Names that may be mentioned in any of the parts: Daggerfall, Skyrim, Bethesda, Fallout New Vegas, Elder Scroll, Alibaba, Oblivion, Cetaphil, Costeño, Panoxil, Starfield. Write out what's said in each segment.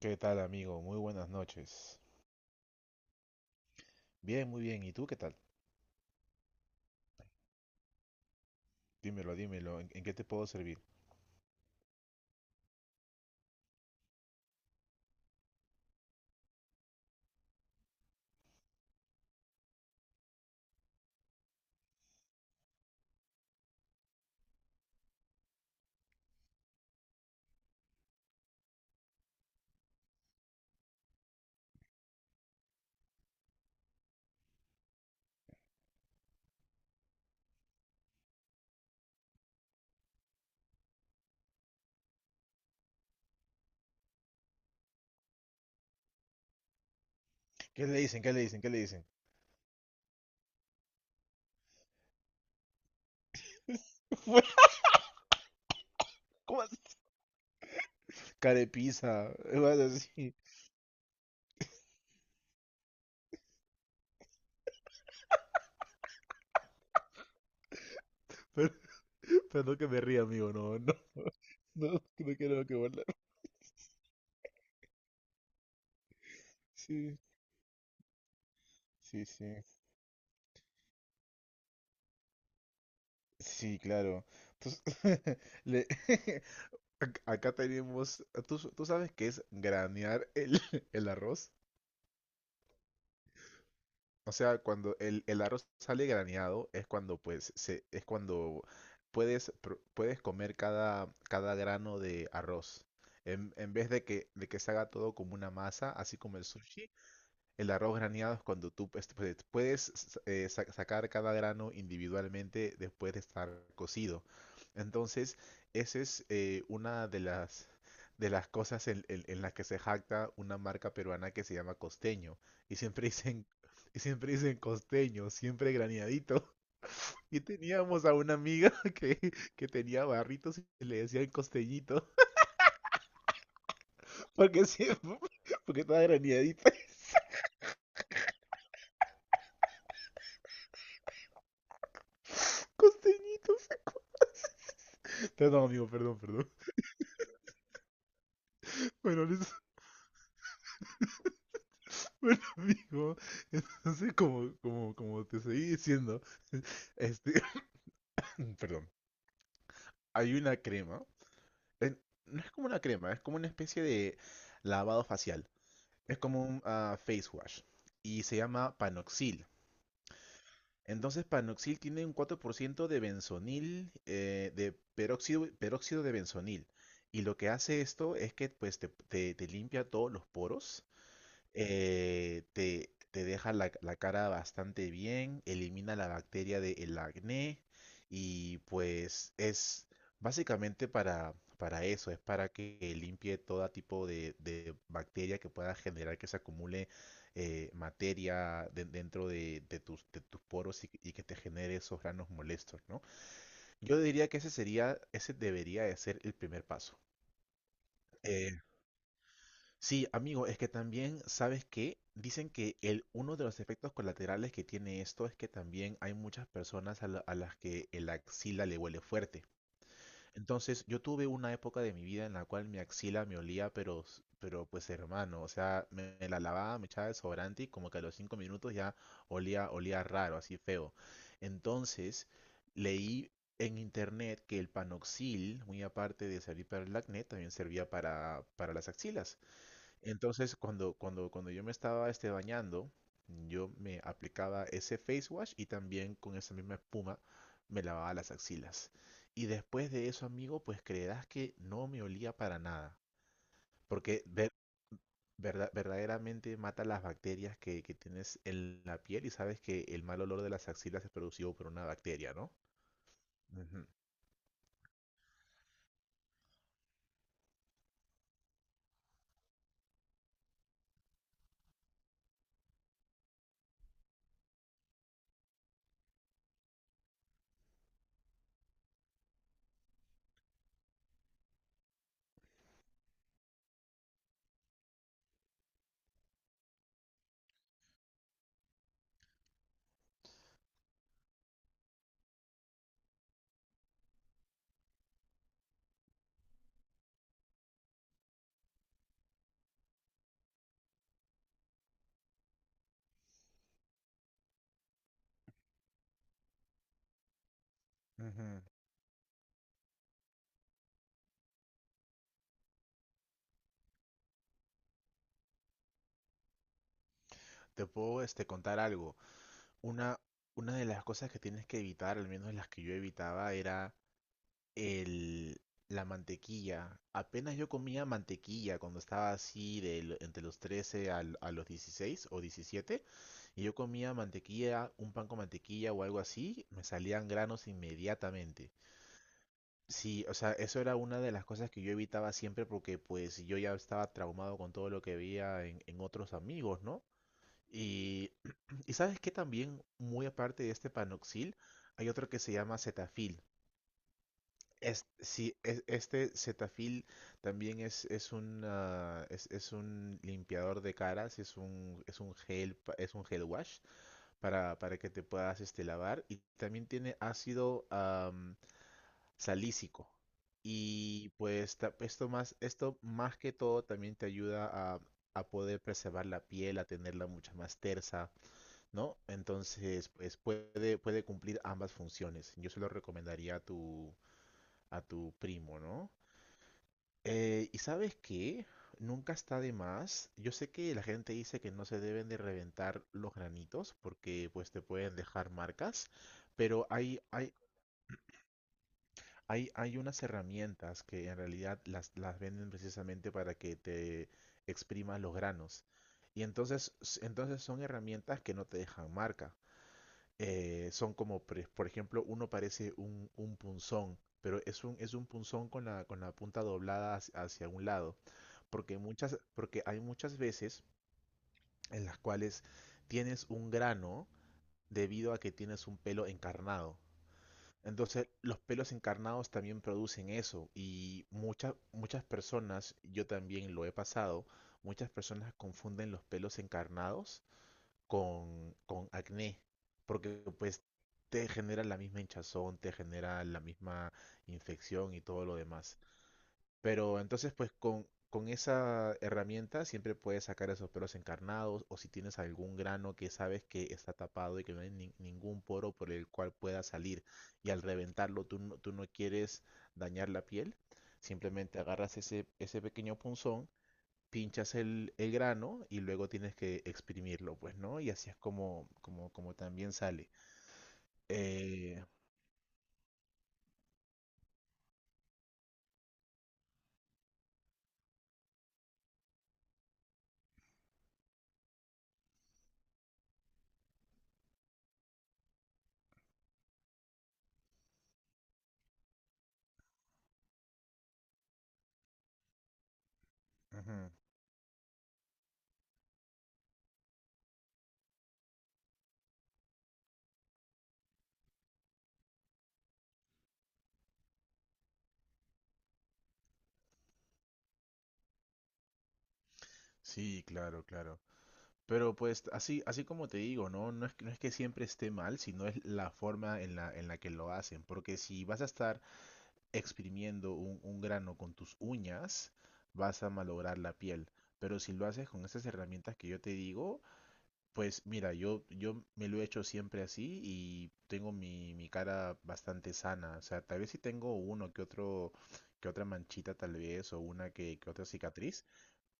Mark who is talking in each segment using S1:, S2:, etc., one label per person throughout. S1: ¿Qué tal, amigo? Muy buenas noches. Bien, muy bien. ¿Y tú qué tal? Dímelo, dímelo. ¿En qué te puedo servir? ¿Qué le dicen? ¿Qué le dicen? ¿Qué le dicen? Fue- ¿Cómo así? Carepiza. Es más así. Pero, no que me ría, amigo. No, no. No, no quiero que burlar. Sí, sí, sí. Sí, claro. Entonces, le- acá tenemos... ¿Tú sabes qué es granear el arroz? O sea, cuando el arroz sale graneado es cuando es cuando puedes comer cada grano de arroz. En vez de que se haga todo como una masa, así como el sushi, el arroz graneado es cuando tú sacar cada grano individualmente después de estar cocido. Entonces, esa es una de las cosas en las que se jacta una marca peruana que se llama Costeño. Y siempre dicen, y siempre dicen Costeño, siempre graneadito. Y teníamos a una amiga que tenía barritos y le decían costeñito, porque siempre, porque estaba graneadita, costeñito. Perdón, amigo, perdón, perdón. Bueno, listo. Bueno, amigo, entonces como te seguí diciendo, este, perdón, hay una crema, eh, no es como una crema, es como una especie de lavado facial, es como un face wash y se llama Panoxil. Entonces Panoxil tiene un 4% de benzonil, de peróxido de benzonil, y lo que hace esto es que pues te limpia todos los poros, te deja la cara bastante bien, elimina la bacteria del acné y pues es básicamente para eso, es para que limpie todo tipo de bacteria que pueda generar que se acumule dentro de tus poros, y que te genere esos granos molestos, ¿no? Yo diría que ese debería de ser el primer paso. Sí, amigo, es que también, ¿sabes qué? Dicen que uno de los efectos colaterales que tiene esto es que también hay muchas personas a las que el axila le huele fuerte. Entonces, yo tuve una época de mi vida en la cual mi axila me olía, pero, pero pues hermano, o sea, me la lavaba, me echaba desodorante y como que a los 5 minutos ya olía raro, así feo. Entonces, leí en internet que el panoxil, muy aparte de servir para el acné, también servía para las axilas. Entonces, cuando yo me estaba bañando, yo me aplicaba ese face wash y también con esa misma espuma me lavaba las axilas. Y después de eso, amigo, pues creerás que no me olía para nada. Porque verdaderamente mata las bacterias que tienes en la piel, y sabes que el mal olor de las axilas es producido por una bacteria, ¿no? Ujú, ujú. Te puedo contar algo. Una, una de las cosas que tienes que evitar, al menos las que yo evitaba, era el, la mantequilla. Apenas yo comía mantequilla cuando estaba así de entre los 13 a los 16 o 17. Y yo comía mantequilla, un pan con mantequilla o algo así, me salían granos inmediatamente. Sí, o sea, eso era una de las cosas que yo evitaba siempre porque pues yo ya estaba traumado con todo lo que veía en otros amigos, ¿no? Y, y sabes que también, muy aparte de este panoxil, hay otro que se llama cetafil. Sí, este Cetaphil también es un es un limpiador de caras, es un es un gel wash para que te puedas lavar, y también tiene ácido salícico. Y pues esto más que todo también te ayuda a poder preservar la piel, a tenerla mucho más tersa, ¿no? Entonces, pues puede cumplir ambas funciones. Yo se lo recomendaría a tu primo, ¿no? ¿Y sabes qué? Nunca está de más. Yo sé que la gente dice que no se deben de reventar los granitos porque pues te pueden dejar marcas, pero hay unas herramientas que en realidad las venden precisamente para que te exprimas los granos. Y entonces, entonces son herramientas que no te dejan marca. Son como, por ejemplo, uno parece un punzón, pero es un punzón con con la punta doblada hacia un lado, porque porque hay muchas veces en las cuales tienes un grano debido a que tienes un pelo encarnado. Entonces, los pelos encarnados también producen eso y muchas muchas personas, yo también lo he pasado, muchas personas confunden los pelos encarnados con acné, porque pues te genera la misma hinchazón, te genera la misma infección y todo lo demás. Pero entonces, pues con esa herramienta siempre puedes sacar esos pelos encarnados, o si tienes algún grano que sabes que está tapado y que no hay ningún poro por el cual pueda salir y al reventarlo tú no quieres dañar la piel, simplemente agarras ese pequeño punzón, pinchas el grano y luego tienes que exprimirlo, pues, ¿no? Y así es como también sale. Eh, ujú. Sí, claro, claro. Pero pues así como te digo, ¿no? No es que siempre esté mal, sino es la forma en la que lo hacen. Porque si vas a estar exprimiendo un grano con tus uñas, vas a malograr la piel. Pero si lo haces con esas herramientas que yo te digo, pues mira, yo me lo he hecho siempre así y tengo mi cara bastante sana. O sea, tal vez si tengo uno que otro, que otra manchita tal vez, o una que otra cicatriz,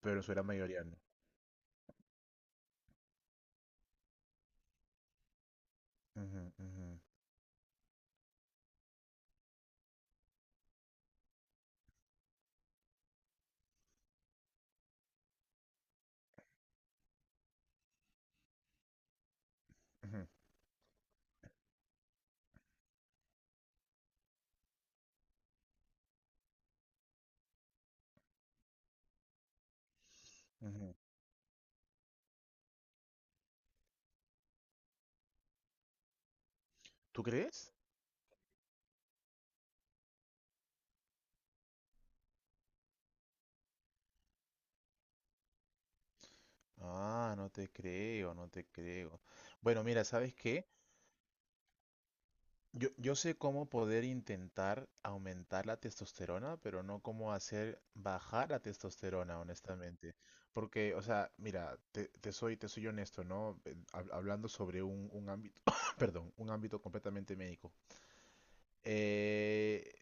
S1: pero en su gran mayoría no. Ujú, ujú, ujú, ujú. ¿Tú crees? Ah, no te creo, no te creo. Bueno, mira, ¿sabes qué? Yo sé cómo poder intentar aumentar la testosterona, pero no cómo hacer bajar la testosterona, honestamente. Porque, o sea, mira, te soy honesto, ¿no? Hablando sobre un ámbito, perdón, un ámbito completamente médico. Eh,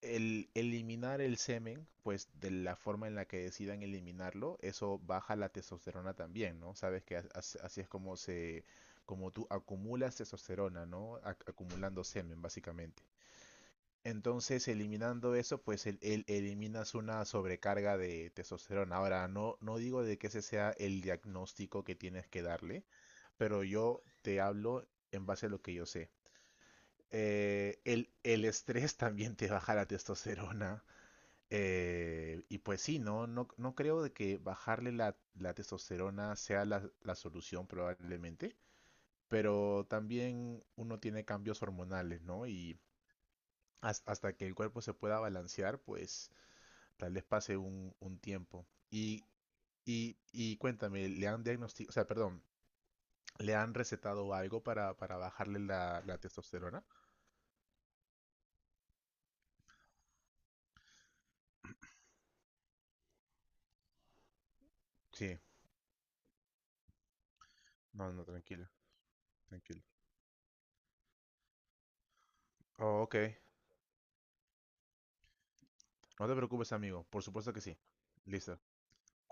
S1: El eliminar el semen, pues de la forma en la que decidan eliminarlo, eso baja la testosterona también, ¿no? Sabes que así es como como tú acumulas testosterona, ¿no? Acumulando semen, básicamente. Entonces, eliminando eso, pues eliminas una sobrecarga de testosterona. Ahora, no digo de que ese sea el diagnóstico que tienes que darle, pero yo te hablo en base a lo que yo sé. El estrés también te baja la testosterona. Y pues sí, no creo de que bajarle la testosterona sea la solución probablemente, pero también uno tiene cambios hormonales, ¿no? Y hasta que el cuerpo se pueda balancear, pues tal vez pase un tiempo. Y, y cuéntame, ¿le han diagnosticado? O sea, perdón, ¿le han recetado algo para bajarle la testosterona? Sí, no, no, tranquilo, tranquilo. Oh, ok, no te preocupes, amigo, por supuesto que sí. Listo.